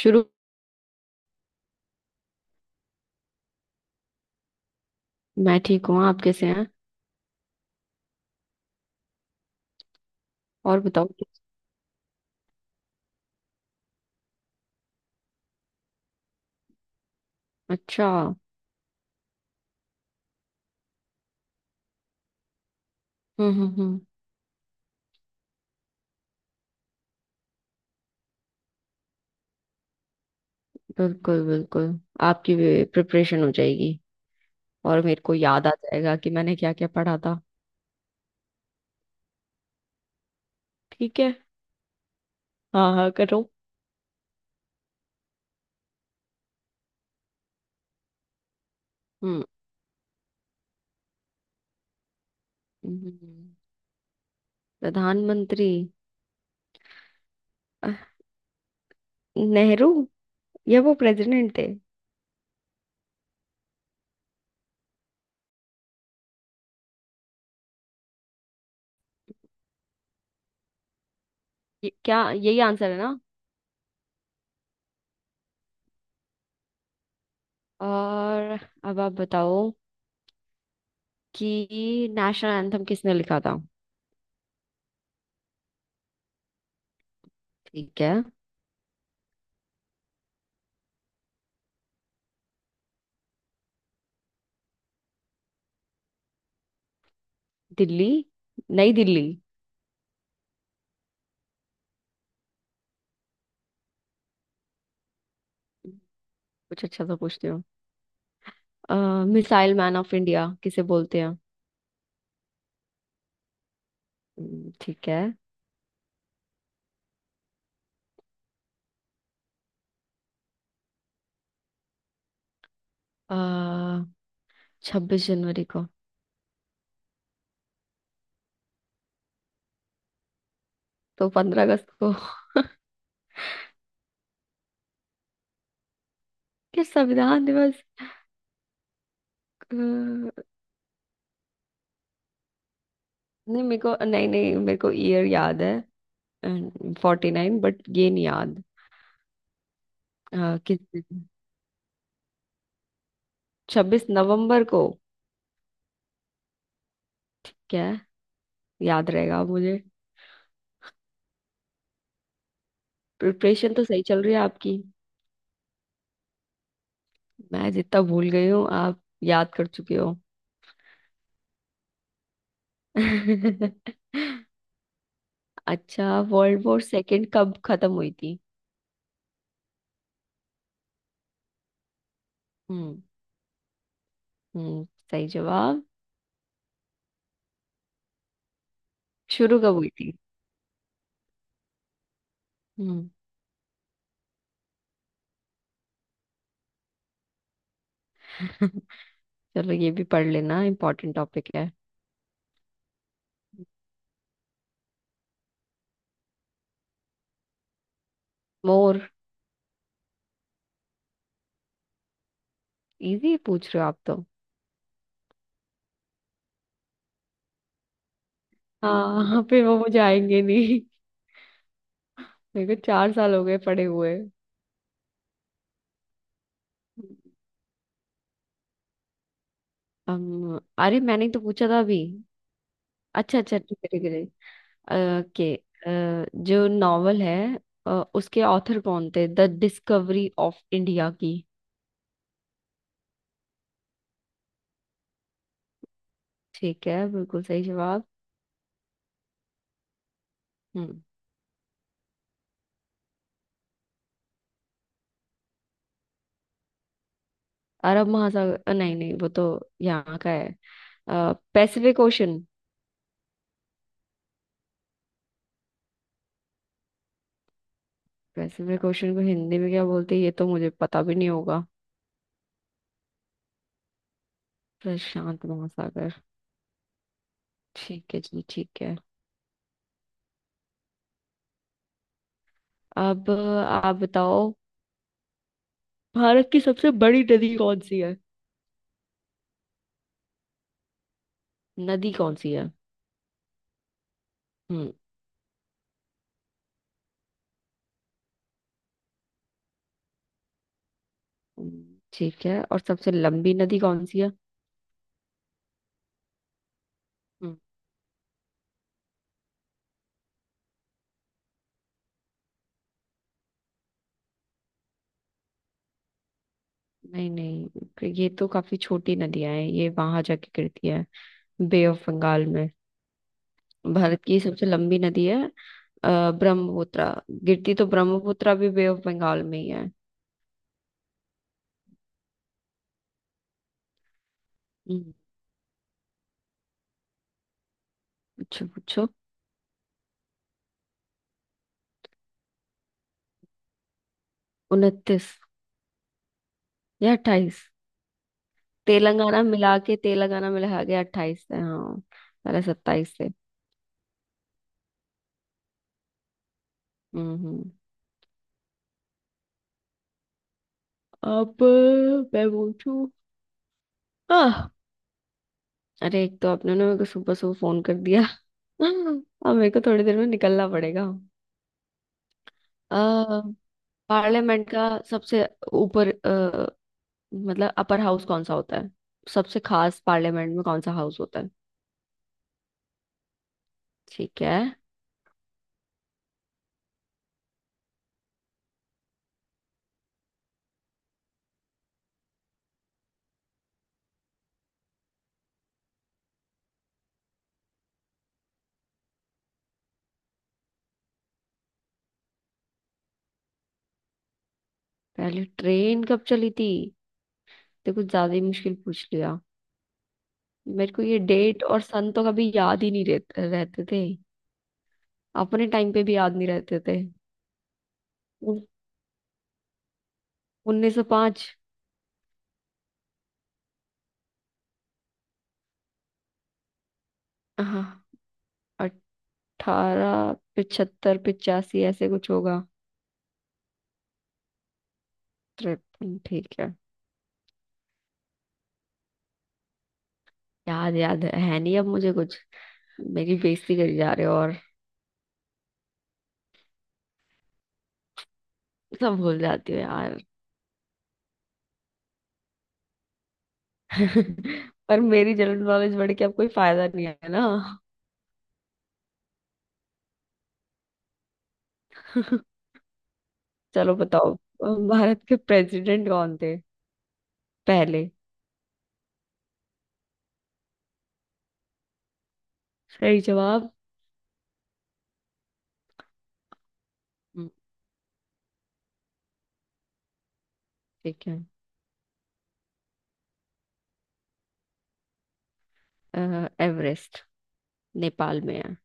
शुरू। मैं ठीक हूँ, आप कैसे हैं? और बताओ। अच्छा। हम्म। हम्म। बिल्कुल बिल्कुल। आपकी भी प्रिपरेशन हो जाएगी। और मेरे को याद आ जाएगा कि मैंने क्या क्या पढ़ा था। ठीक है। हाँ हाँ, करो। हम्म। हम्म, प्रधानमंत्री अह, नेहरू। या वो प्रेसिडेंट थे? क्या यही आंसर है ना? और अब आप बताओ कि नेशनल एंथम किसने लिखा था। ठीक है। दिल्ली, नई दिल्ली। कुछ अच्छा सा पूछते हो। मिसाइल मैन ऑफ इंडिया किसे बोलते हैं? ठीक है। आ, 26 जनवरी को। तो 15 अगस्त को। क्या संविधान दिवस? नहीं, मेरे को नहीं नहीं मेरे को ईयर याद है। Forty nine. बट ये नहीं याद। किस दिन। छब्बीस नवंबर को। ठीक है, याद रहेगा मुझे। प्रिपरेशन तो सही चल रही है आपकी। मैं जितना भूल गई हूँ, आप याद कर चुके हो। अच्छा, वर्ल्ड वॉर सेकेंड कब खत्म हुई थी? हम्म। हम्म, सही जवाब। शुरू कब हुई थी? हम्म। चलो, ये भी पढ़ लेना, इम्पोर्टेंट टॉपिक है। मोर। इजी पूछ रहे हो आप तो। हाँ हाँ, फिर वो मुझे आएंगे नहीं। मेरे को चार साल हो गए पढ़े हुए। अरे, मैंने तो पूछा था अभी। अच्छा अच्छा, ठीक है ठीक है, ठीक है। जो नॉवल है, अ, उसके ऑथर कौन थे द डिस्कवरी ऑफ इंडिया की? ठीक है, बिल्कुल सही जवाब। हम्म। अरब महासागर। नहीं नहीं, वो तो यहाँ का है। Pacific Ocean. पैसिफिक ओशन को हिंदी में क्या बोलते हैं, ये तो मुझे पता भी नहीं होगा। प्रशांत महासागर। ठीक है जी, ठीक है। अब आप बताओ, भारत की सबसे बड़ी नदी कौन सी है? नदी कौन सी है। हम्म। ठीक है। और सबसे लंबी नदी कौन सी है? हम्म, नहीं नहीं, ये तो काफी छोटी नदियां हैं, ये वहां जाके गिरती है बे ऑफ बंगाल में। भारत की सबसे लंबी नदी है ब्रह्मपुत्र। गिरती तो ब्रह्मपुत्र भी बे ऑफ बंगाल में ही है। हम्म। पूछो पूछो। उनतीस या अट्ठाईस। तेलंगाना मिला के अट्ठाईस है, हाँ। पहले सत्ताईस थे। हम्म। हम्म। अब मैं पूछू। आह, अरे एक तो आपने ना मेरे को सुबह सुबह फोन कर दिया। अब मेरे को थोड़ी देर में निकलना पड़ेगा। अह, पार्लियामेंट का सबसे ऊपर मतलब अपर हाउस कौन सा होता है? सबसे खास पार्लियामेंट में कौन सा हाउस होता है? ठीक है। पहले ट्रेन कब चली थी, तो कुछ ज्यादा ही मुश्किल पूछ लिया। मेरे को ये डेट और सन तो कभी याद ही नहीं रहते रहते थे। अपने टाइम पे भी याद नहीं रहते थे। उन्नीस सौ पाँच। हाँ, अठारह पिछहत्तर, पिचासी, ऐसे कुछ होगा। तिरपन, ठीक है। याद याद है नहीं अब मुझे कुछ। मेरी बेइज्जती करी जा रहे हो और सब भूल जाती हो यार। पर मेरी जनरल नॉलेज बढ़ के अब कोई फायदा नहीं है ना। चलो बताओ, भारत के प्रेसिडेंट कौन थे पहले? सही जवाब। हम्म, ठीक है। एवरेस्ट, नेपाल में है।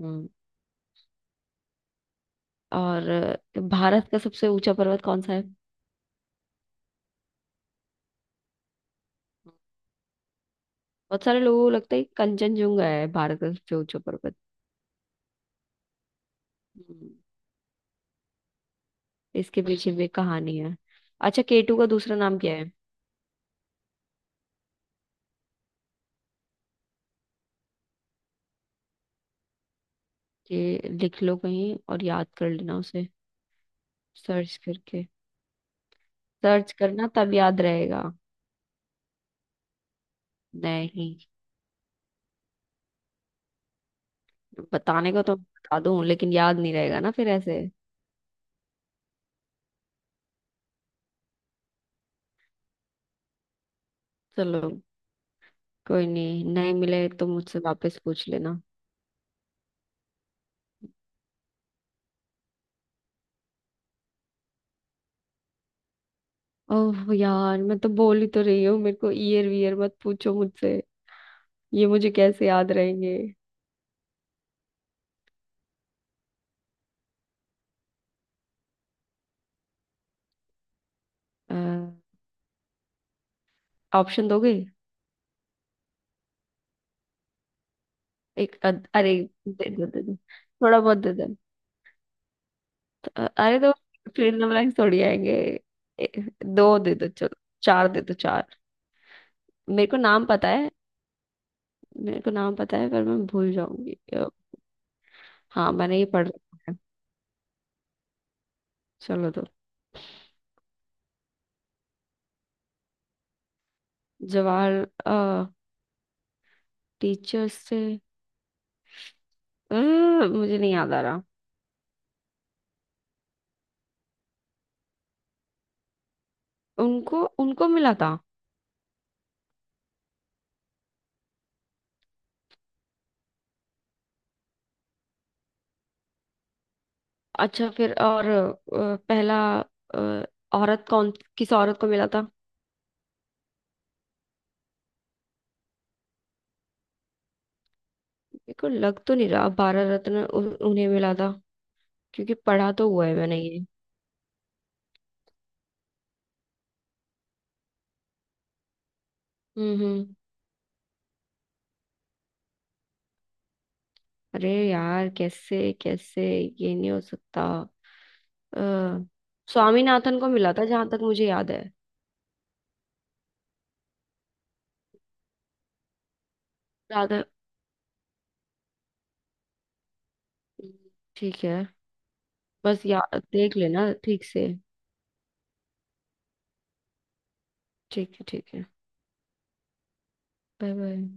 हम्म। और भारत का सबसे ऊंचा पर्वत कौन सा है? बहुत सारे लोगों को लगता है कि कंचनजंगा है भारत का सबसे ऊंचा पर्वत। हम्म, इसके पीछे भी कहानी है। अच्छा, केटू का दूसरा नाम क्या है? ये लिख लो कहीं और याद कर लेना उसे, सर्च करके। सर्च करना, तब याद रहेगा। नहीं, बताने को तो बता दूं, लेकिन याद नहीं रहेगा ना फिर ऐसे। चलो, कोई नहीं, नहीं मिले तो मुझसे वापस पूछ लेना। ओह यार, मैं तो बोल ही तो रही हूँ, मेरे को ईयर वीयर मत पूछो मुझसे। ये मुझे कैसे याद रहेंगे? ऑप्शन दोगे? अरे, दे दो दे दो, थोड़ा बहुत दे दो। अरे तो फिर ब्लैंक्स थोड़ी आएंगे। ए, दो दे दो, चलो। चार दे दो, चार। मेरे को नाम पता है। मेरे को नाम पता है, पर मैं भूल जाऊंगी। हाँ, मैंने ये पढ़ रखा है। चलो तो। जवाहर, टीचर्स से, अ, मुझे नहीं याद आ रहा। उनको उनको मिला था? अच्छा, फिर और पहला अ, औरत कौन, किस औरत को मिला था? मेरे को लग तो नहीं रहा भारत रत्न उन्हें मिला था, क्योंकि पढ़ा तो हुआ है मैंने ये। हम्म। अरे यार, कैसे कैसे। ये नहीं हो सकता। अ, स्वामीनाथन को मिला था जहां तक मुझे याद है। राधा, ठीक है। बस याद देख लेना ठीक से। ठीक है, ठीक है। Bye bye.